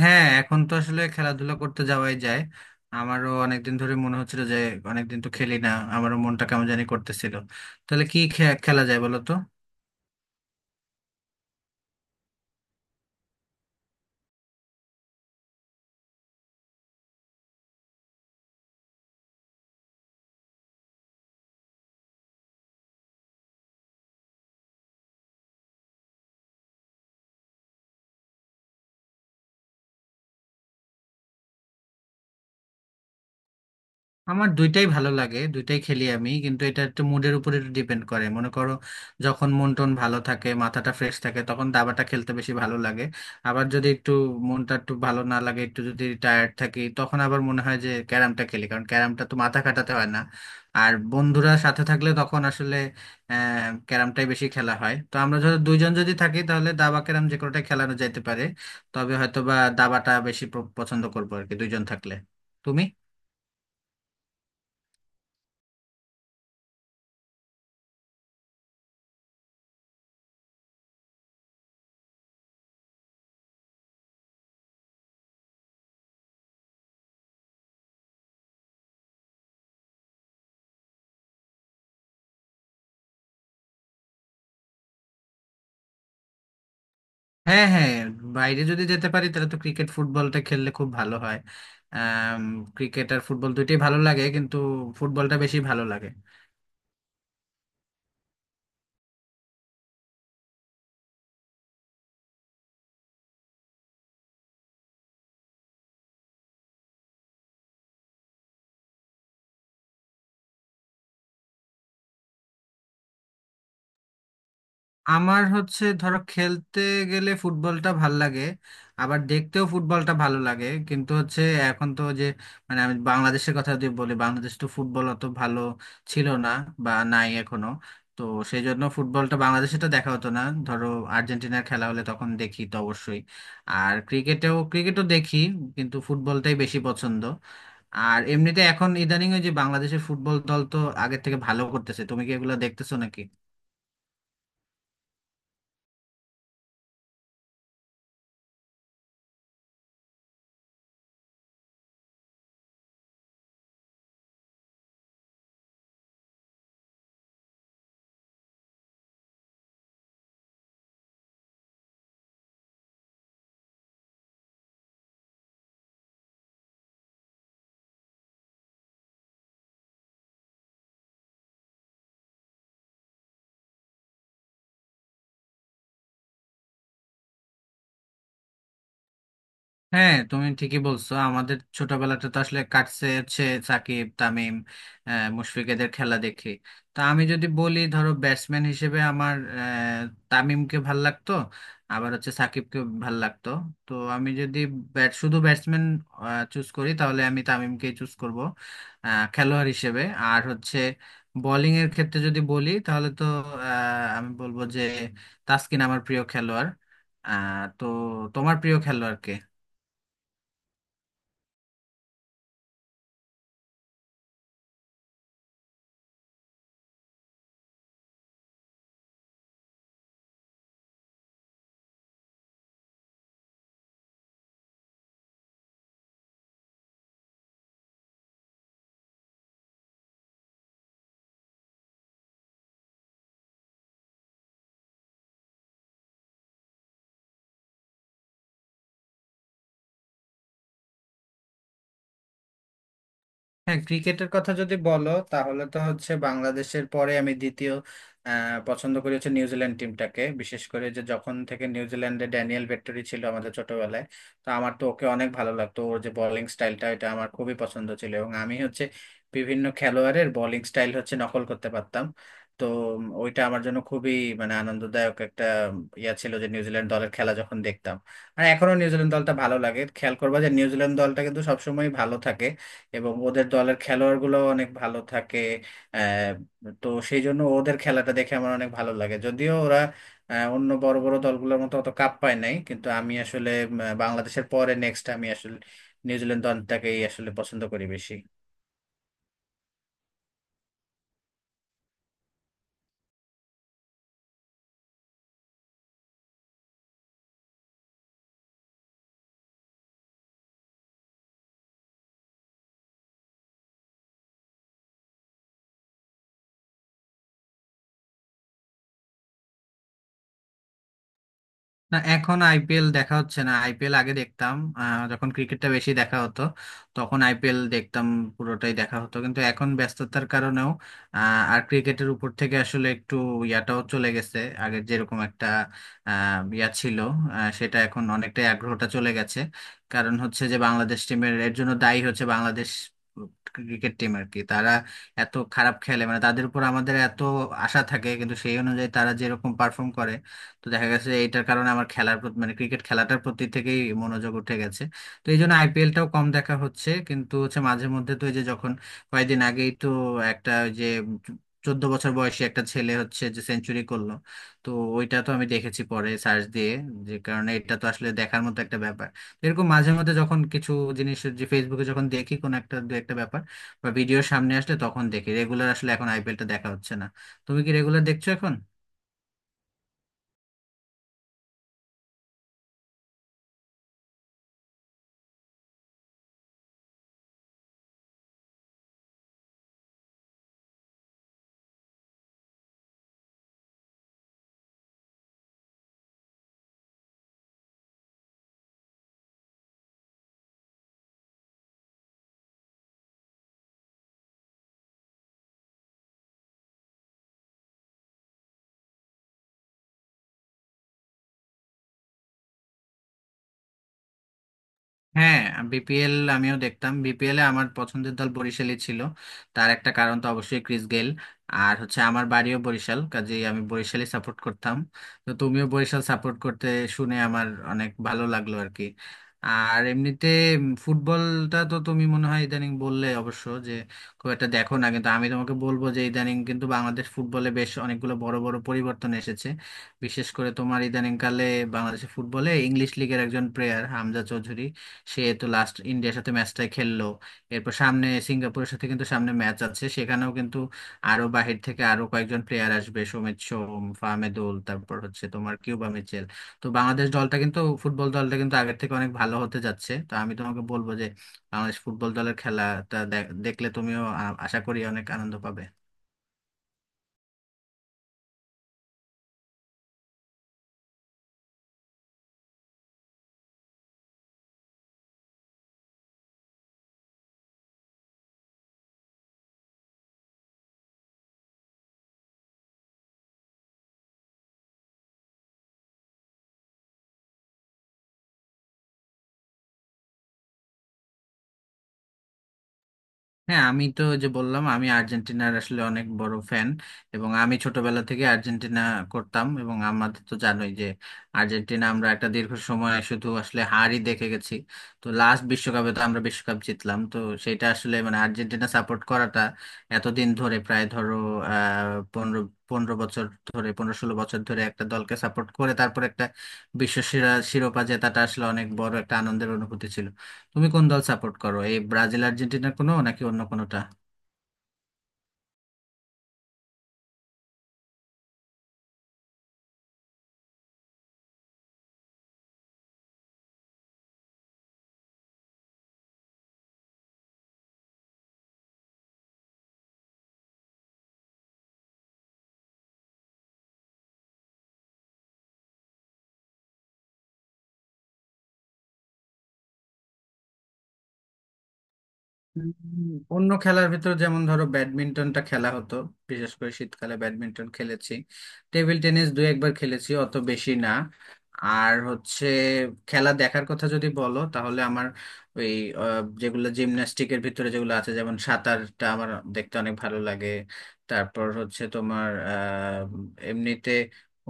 হ্যাঁ, এখন তো আসলে খেলাধুলা করতে যাওয়াই যায়। আমারও অনেকদিন ধরে মনে হচ্ছিল যে অনেকদিন তো খেলি না, আমারও মনটা কেমন জানি করতেছিল। তাহলে কি খেলা যায় বলো তো। আমার দুইটাই ভালো লাগে, দুইটাই খেলি আমি, কিন্তু এটা একটু মুডের উপর একটু ডিপেন্ড করে, মনে করো। যখন মন টন ভালো থাকে, মাথাটা ফ্রেশ থাকে, তখন দাবাটা খেলতে বেশি ভালো লাগে। আবার যদি একটু মনটা একটু ভালো না লাগে, একটু যদি টায়ার্ড থাকি, তখন আবার মনে হয় যে ক্যারামটা খেলি, কারণ ক্যারামটা তো মাথা খাটাতে হয় না। আর বন্ধুরা সাথে থাকলে তখন আসলে ক্যারামটাই বেশি খেলা হয়। তো আমরা ধরো দুইজন যদি থাকি তাহলে দাবা ক্যারাম যে কোনোটাই খেলানো যেতে পারে, তবে হয়তো বা দাবাটা বেশি পছন্দ করবো আর কি দুইজন থাকলে। তুমি। হ্যাঁ, হ্যাঁ, বাইরে যদি যেতে পারি তাহলে তো ক্রিকেট ফুটবলটা খেললে খুব ভালো হয়। ক্রিকেট আর ফুটবল দুইটাই ভালো লাগে, কিন্তু ফুটবলটা বেশি ভালো লাগে। আমার হচ্ছে ধরো খেলতে গেলে ফুটবলটা ভাল লাগে, আবার দেখতেও ফুটবলটা ভালো লাগে, কিন্তু হচ্ছে এখন তো যে মানে আমি বাংলাদেশের কথা যদি বলি, বাংলাদেশ তো ফুটবল অত ভালো ছিল না বা নাই এখনো। তো সেই জন্য ফুটবলটা বাংলাদেশে তো দেখা হতো না। ধরো আর্জেন্টিনার খেলা হলে তখন দেখি তো অবশ্যই, আর ক্রিকেটেও ক্রিকেটও দেখি, কিন্তু ফুটবলটাই বেশি পছন্দ। আর এমনিতে এখন ইদানিং ওই যে বাংলাদেশের ফুটবল দল তো আগের থেকে ভালো করতেছে, তুমি কি এগুলো দেখতেছো নাকি? হ্যাঁ, তুমি ঠিকই বলছো, আমাদের ছোটবেলাটা তো আসলে কাটছে হচ্ছে সাকিব তামিম মুশফিকদের খেলা দেখে। তা আমি যদি বলি ধরো ব্যাটসম্যান হিসেবে আমার তামিমকে ভাল লাগতো, আবার হচ্ছে সাকিবকে ভাল লাগতো। তো আমি যদি শুধু ব্যাটসম্যান চুজ করি তাহলে আমি তামিমকে চুজ করব খেলোয়াড় হিসেবে। আর হচ্ছে বোলিং এর ক্ষেত্রে যদি বলি তাহলে তো আমি বলবো যে তাসকিন আমার প্রিয় খেলোয়াড়। তো তোমার প্রিয় খেলোয়াড় কে? হ্যাঁ, ক্রিকেটের কথা যদি বলো তাহলে তো হচ্ছে বাংলাদেশের পরে আমি দ্বিতীয় পছন্দ করি হচ্ছে নিউজিল্যান্ড টিমটাকে। বিশেষ করে যে যখন থেকে নিউজিল্যান্ডে ড্যানিয়েল ভেট্টরি ছিল আমাদের ছোটবেলায়, তো আমার তো ওকে অনেক ভালো লাগতো। ওর যে বোলিং স্টাইলটা এটা আমার খুবই পছন্দ ছিল, এবং আমি হচ্ছে বিভিন্ন খেলোয়াড়ের বোলিং স্টাইল হচ্ছে নকল করতে পারতাম। তো ওইটা আমার জন্য খুবই মানে আনন্দদায়ক একটা ইয়া ছিল, যে নিউজিল্যান্ড দলের খেলা যখন দেখতাম। আর এখনো নিউজিল্যান্ড দলটা ভালো লাগে, খেয়াল করবা যে নিউজিল্যান্ড দলটা কিন্তু সবসময় ভালো থাকে এবং ওদের দলের খেলোয়াড়গুলো অনেক ভালো থাকে। আহ, তো সেই জন্য ওদের খেলাটা দেখে আমার অনেক ভালো লাগে। যদিও ওরা অন্য বড় বড় দলগুলোর মতো অত কাপ পায় নাই, কিন্তু আমি আসলে বাংলাদেশের পরে নেক্সট আমি আসলে নিউজিল্যান্ড দলটাকেই আসলে পছন্দ করি বেশি। না, এখন আইপিএল দেখা হচ্ছে না। আইপিএল আগে দেখতাম যখন ক্রিকেটটা বেশি দেখা হতো তখন আইপিএল দেখতাম, পুরোটাই দেখা হতো। কিন্তু এখন ব্যস্ততার কারণেও আর ক্রিকেটের উপর থেকে আসলে একটু ইয়াটাও চলে গেছে। আগের যেরকম একটা ইয়া ছিল সেটা এখন অনেকটাই আগ্রহটা চলে গেছে। কারণ হচ্ছে যে বাংলাদেশ টিমের, এর জন্য দায়ী হচ্ছে বাংলাদেশ ক্রিকেট টিম আর কি। তারা এত খারাপ খেলে, মানে তাদের উপর আমাদের এত আশা থাকে কিন্তু সেই অনুযায়ী তারা যেরকম পারফর্ম করে, তো দেখা গেছে এটার কারণে আমার খেলার প্রতি, মানে ক্রিকেট খেলাটার প্রতি থেকেই মনোযোগ উঠে গেছে। তো এই জন্য আইপিএলটাও কম দেখা হচ্ছে, কিন্তু হচ্ছে মাঝে মধ্যে। তো এই যে যখন কয়েকদিন আগেই তো একটা ওই যে 14 বছর বয়সী একটা ছেলে হচ্ছে যে সেঞ্চুরি করলো, তো ওইটা তো আমি দেখেছি পরে সার্চ দিয়ে। যে কারণে এটা তো আসলে দেখার মতো একটা ব্যাপার। তো এরকম মাঝে মধ্যে যখন কিছু জিনিস যে ফেসবুকে যখন দেখি কোন একটা দু একটা ব্যাপার বা ভিডিওর সামনে আসলে তখন দেখি। রেগুলার আসলে এখন আইপিএলটা দেখা হচ্ছে না, তুমি কি রেগুলার দেখছো এখন? হ্যাঁ, বিপিএল আমিও দেখতাম। বিপিএল এ আমার পছন্দের দল বরিশালই ছিল, তার একটা কারণ তো অবশ্যই ক্রিস গেল। আর হচ্ছে আমার বাড়িও বরিশাল, কাজেই আমি বরিশালই সাপোর্ট করতাম। তো তুমিও বরিশাল সাপোর্ট করতে শুনে আমার অনেক ভালো লাগলো আর কি। আর এমনিতে ফুটবলটা তো তুমি মনে হয় ইদানিং বললে অবশ্য যে খুব একটা দেখো না, কিন্তু আমি তোমাকে বলবো যে ইদানিং কিন্তু বাংলাদেশ ফুটবলে বেশ অনেকগুলো বড় বড় পরিবর্তন এসেছে। বিশেষ করে তোমার ইদানিংকালে বাংলাদেশের ফুটবলে ইংলিশ লিগের একজন প্লেয়ার হামজা চৌধুরী, সে তো লাস্ট ইন্ডিয়ার সাথে ম্যাচটাই খেললো। এরপর সামনে সিঙ্গাপুরের সাথে কিন্তু সামনে ম্যাচ আছে, সেখানেও কিন্তু আরো বাহির থেকে আরো কয়েকজন প্লেয়ার আসবে, সৌমিত সোম, ফাহমিদুল, তারপর হচ্ছে তোমার কিউবা মিচেল। তো বাংলাদেশ দলটা কিন্তু, ফুটবল দলটা কিন্তু আগের থেকে অনেক ভালো হতে যাচ্ছে। তো আমি তোমাকে বলবো যে বাংলাদেশ ফুটবল দলের খেলাটা দেখলে তুমিও আশা করি অনেক আনন্দ পাবে। হ্যাঁ, আমি তো ওই যে বললাম আমি আর্জেন্টিনার আসলে অনেক বড় ফ্যান, এবং আমি ছোটবেলা থেকে আর্জেন্টিনা করতাম। এবং আমাদের তো জানোই যে আর্জেন্টিনা আমরা একটা দীর্ঘ সময় শুধু আসলে হারই দেখে গেছি। তো লাস্ট বিশ্বকাপে তো আমরা বিশ্বকাপ জিতলাম, তো সেটা আসলে মানে আর্জেন্টিনা সাপোর্ট করাটা এতদিন ধরে প্রায় ধরো আহ পনেরো পনেরো বছর ধরে, 15-16 বছর ধরে একটা দলকে সাপোর্ট করে তারপর একটা বিশ্ব সেরা শিরোপা জেতাটা আসলে অনেক বড় একটা আনন্দের অনুভূতি ছিল। তুমি কোন দল সাপোর্ট করো, এই ব্রাজিল আর্জেন্টিনার কোনো নাকি অন্য কোনোটা? অন্য খেলার ভিতর যেমন ধরো ব্যাডমিন্টনটা খেলা হতো, বিশেষ করে শীতকালে ব্যাডমিন্টন খেলেছি। টেবিল টেনিস দু একবার খেলেছি, অত বেশি না। আর হচ্ছে খেলা দেখার কথা যদি বলো তাহলে আমার ওই যেগুলো জিমন্যাস্টিকের ভিতরে যেগুলো আছে যেমন সাঁতারটা আমার দেখতে অনেক ভালো লাগে। তারপর হচ্ছে তোমার এমনিতে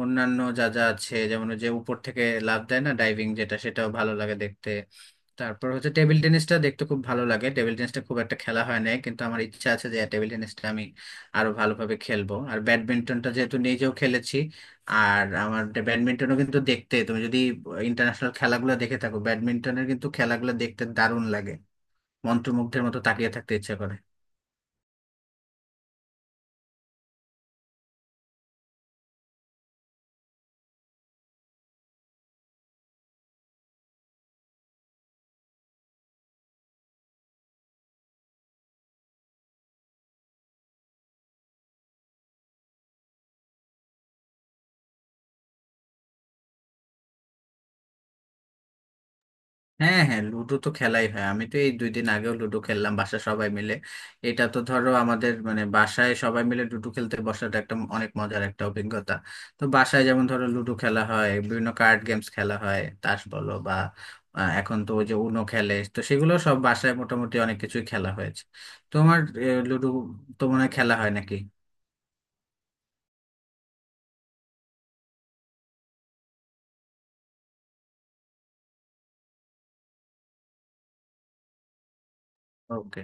অন্যান্য যা যা আছে যেমন ওই যে উপর থেকে লাফ দেয় না, ডাইভিং যেটা, সেটাও ভালো লাগে দেখতে। তারপর হচ্ছে টেবিল টেনিসটা দেখতে খুব ভালো লাগে। টেবিল টেনিসটা খুব একটা খেলা হয় না, কিন্তু আমার ইচ্ছা আছে যে টেবিল টেনিসটা আমি আরো ভালোভাবে খেলবো। আর ব্যাডমিন্টনটা যেহেতু নিজেও খেলেছি, আর আমার ব্যাডমিন্টনও কিন্তু দেখতে, তুমি যদি ইন্টারন্যাশনাল খেলাগুলো দেখে থাকো, ব্যাডমিন্টনের কিন্তু খেলাগুলো দেখতে দারুণ লাগে, মন্ত্রমুগ্ধের মতো তাকিয়ে থাকতে ইচ্ছা করে। হ্যাঁ, হ্যাঁ, লুডো তো খেলাই হয়। আমি তো এই 2 দিন আগেও লুডো খেললাম বাসায় সবাই মিলে। এটা তো ধরো আমাদের মানে বাসায় সবাই মিলে লুডো খেলতে বসাটা একটা অনেক মজার একটা অভিজ্ঞতা। তো বাসায় যেমন ধরো লুডো খেলা হয়, বিভিন্ন কার্ড গেমস খেলা হয়, তাস বলো বা এখন তো ওই যে উনো খেলে, তো সেগুলো সব বাসায় মোটামুটি অনেক কিছুই খেলা হয়েছে। তোমার লুডো তো মনে হয় খেলা হয় নাকি? ওকে।